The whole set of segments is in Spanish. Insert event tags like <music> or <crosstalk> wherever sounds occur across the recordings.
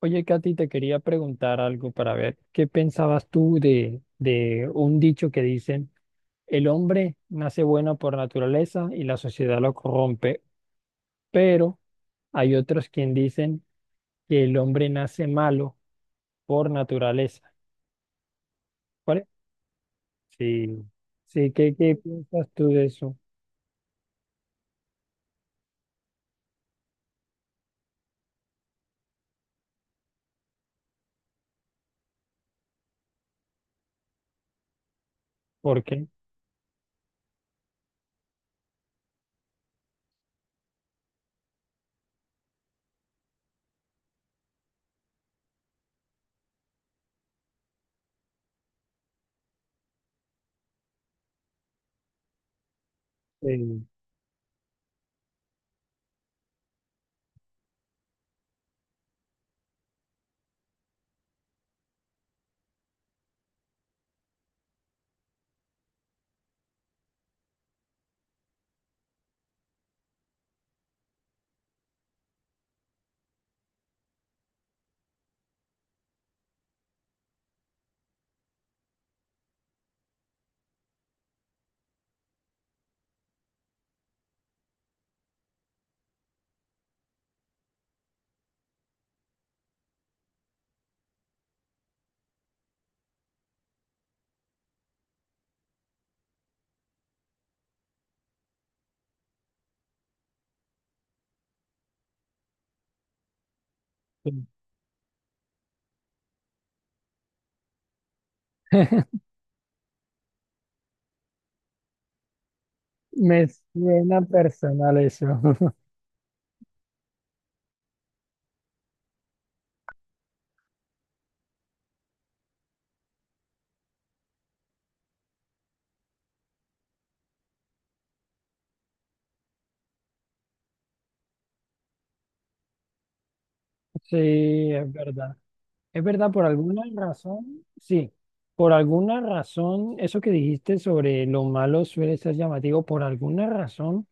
Oye, Katy, te quería preguntar algo para ver qué pensabas tú de un dicho que dicen, el hombre nace bueno por naturaleza y la sociedad lo corrompe, pero hay otros quien dicen que el hombre nace malo por naturaleza. ¿Cuál es? Sí, sí, ¿qué piensas tú de eso? ¿Por qué? Sí, sí. <laughs> Me suena personal eso. <laughs> Sí, es verdad. Es verdad, por alguna razón, sí, por alguna razón, eso que dijiste sobre lo malo suele ser llamativo, por alguna razón.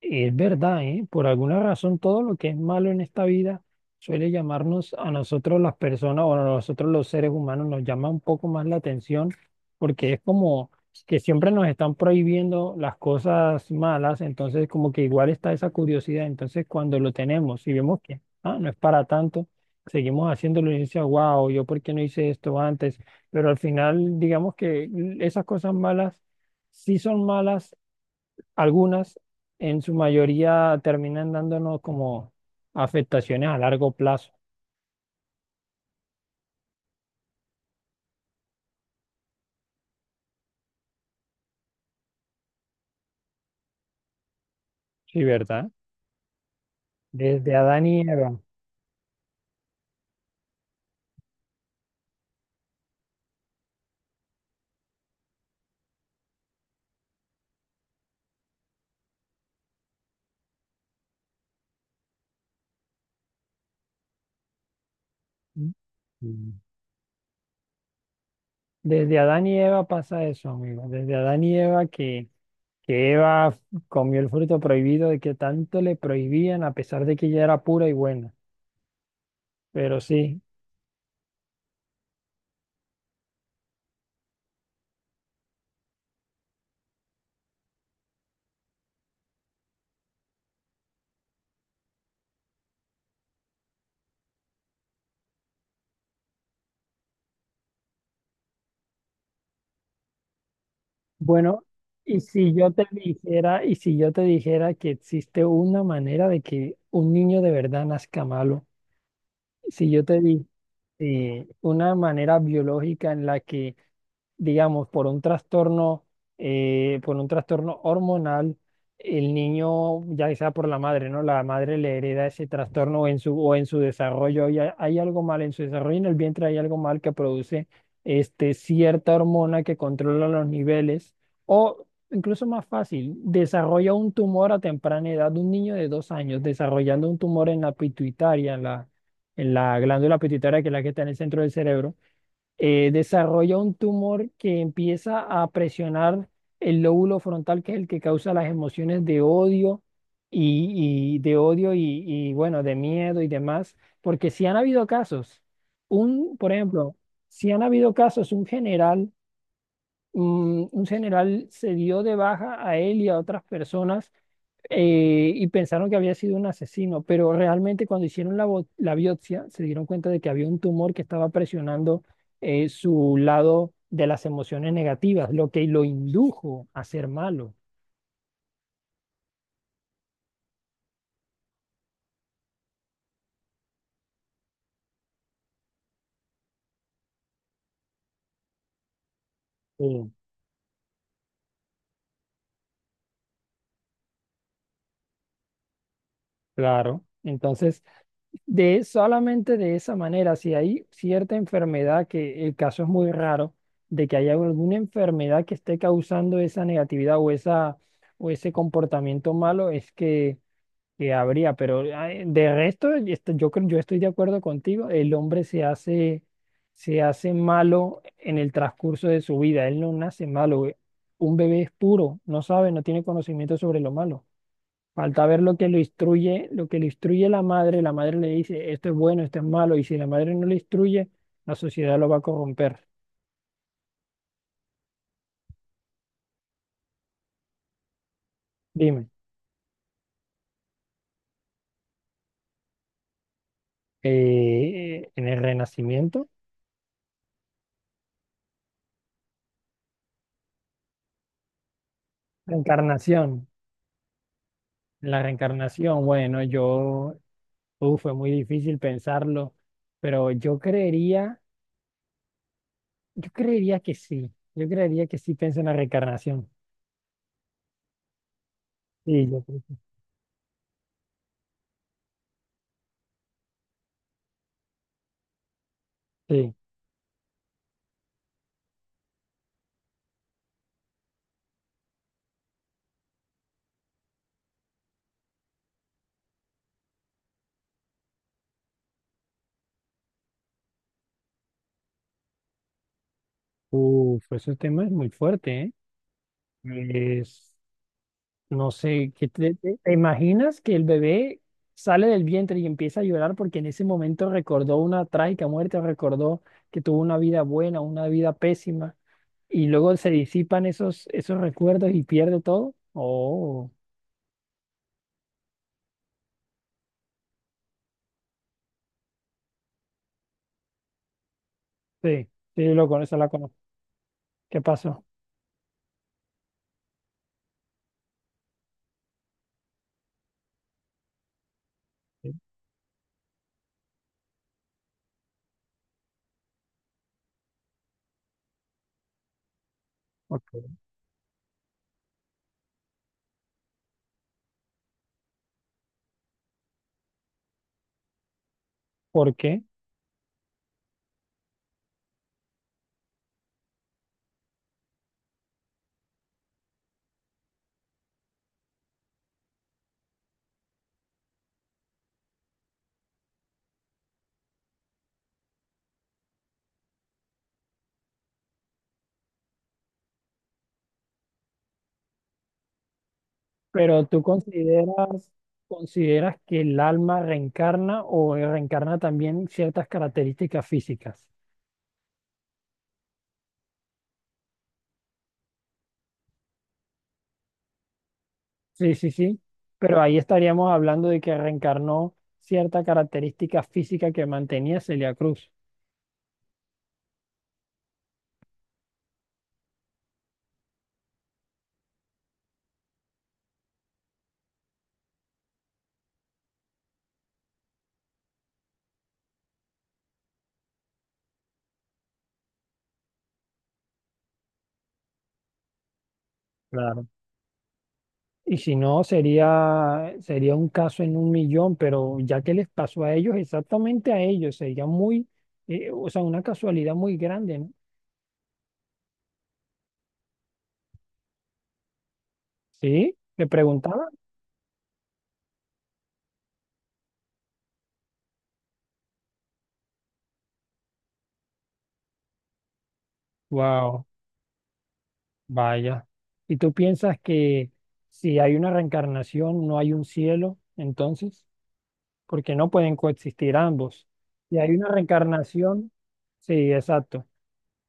Es verdad, ¿eh? Por alguna razón todo lo que es malo en esta vida suele llamarnos a nosotros las personas o a nosotros los seres humanos nos llama un poco más la atención porque es como que siempre nos están prohibiendo las cosas malas, entonces como que igual está esa curiosidad, entonces cuando lo tenemos y vemos que ah, no es para tanto, seguimos haciéndolo y dice, wow, yo por qué no hice esto antes, pero al final digamos que esas cosas malas sí son malas algunas, en su mayoría, terminan dándonos como afectaciones a largo plazo, sí, ¿verdad? Desde Adán y Eva. Mm. Desde Adán y Eva pasa eso, amigo. Desde Adán y Eva que Eva comió el fruto prohibido de que tanto le prohibían a pesar de que ella era pura y buena. Pero sí, bueno, y si yo te dijera, y si yo te dijera que existe una manera de que un niño de verdad nazca malo, si yo te di, una manera biológica en la que, digamos, por un trastorno hormonal, el niño, ya sea por la madre, ¿no? La madre le hereda ese trastorno en su, o en su desarrollo. Y hay algo mal en su desarrollo, en el vientre hay algo mal que produce este, cierta hormona que controla los niveles. O incluso más fácil, desarrolla un tumor a temprana edad. Un niño de dos años desarrollando un tumor en la pituitaria, la glándula pituitaria, que es la que está en el centro del cerebro, desarrolla un tumor que empieza a presionar el lóbulo frontal, que es el que causa las emociones de odio y, bueno, de miedo y demás, porque si han habido casos, un, por ejemplo, si han habido casos, un general, mm, un general se dio de baja a él y a otras personas y pensaron que había sido un asesino, pero realmente cuando hicieron la, bo- la biopsia se dieron cuenta de que había un tumor que estaba presionando su lado de las emociones negativas, lo que lo indujo a ser malo. Mm. Claro. Entonces, de solamente de esa manera, si hay cierta enfermedad, que el caso es muy raro, de que haya alguna enfermedad que esté causando esa negatividad o esa o ese comportamiento malo, es que habría, pero ah, de resto, esto- yo creo, yo estoy de acuerdo contigo, el hombre se hace malo en el transcurso de su vida, él no nace malo, güey. Un bebé es puro, no sabe, no tiene conocimiento sobre lo malo. Falta ver lo que lo instruye, lo que le instruye la madre le dice, esto es bueno, esto es malo, y si la madre no le instruye, la sociedad lo va a corromper. Dime, en el renacimiento, reencarnación, en la reencarnación, bueno, yo uf, fue muy difícil pensarlo, pero yo creería que sí, yo creería que sí pienso en la reencarnación. Sí, yo creo que sí. Uf, ese tema es muy fuerte, ¿eh? Es, no sé, ¿qué te, te- te imaginas que el bebé sale del vientre y empieza a llorar porque en ese momento recordó una trágica muerte, recordó que tuvo una vida buena, una vida pésima, y luego se disipan esos recuerdos y pierde todo? Oh, sí, sí, lo con la conozco. ¿Qué pasó? Sí, ok. ¿Por qué? Pero tú consideras, consideras que el alma reencarna o reencarna también ciertas características físicas. Sí, sí, sí. Pero ahí estaríamos hablando de que reencarnó cierta característica física que mantenía Celia Cruz. Claro. Y si no, sería, sería un caso en un millón, pero ya que les pasó a ellos, exactamente a ellos, sería muy, o sea, una casualidad muy grande, ¿no? Sí, le preguntaba. Wow. Vaya. ¿Y tú piensas que si hay una reencarnación no hay un cielo, entonces? Porque no pueden coexistir ambos. Si hay una reencarnación, sí, exacto.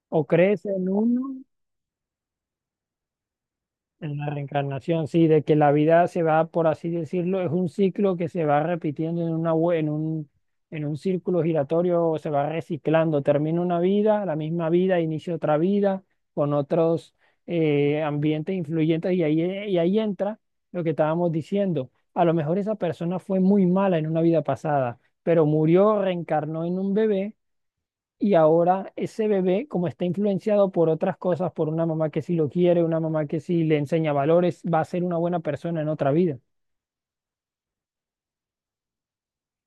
O crees en uno. En la reencarnación, sí, de que la vida se va, por así decirlo, es un ciclo que se va repitiendo en una, vue- en un círculo giratorio, se va reciclando. Termina una vida, la misma vida, inicia otra vida con otros ambientes influyentes y y ahí entra lo que estábamos diciendo. A lo mejor esa persona fue muy mala en una vida pasada, pero murió, reencarnó en un bebé y ahora ese bebé, como está influenciado por otras cosas, por una mamá que sí lo quiere, una mamá que sí le enseña valores, va a ser una buena persona en otra vida.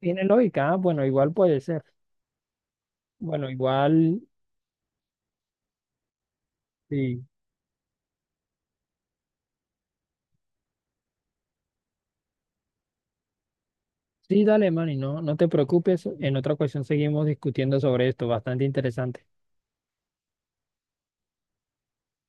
¿Tiene lógica? Ah, bueno, igual puede ser. Bueno, igual, sí. Sí, dale, Manny, no, no te preocupes. En otra ocasión seguimos discutiendo sobre esto, bastante interesante.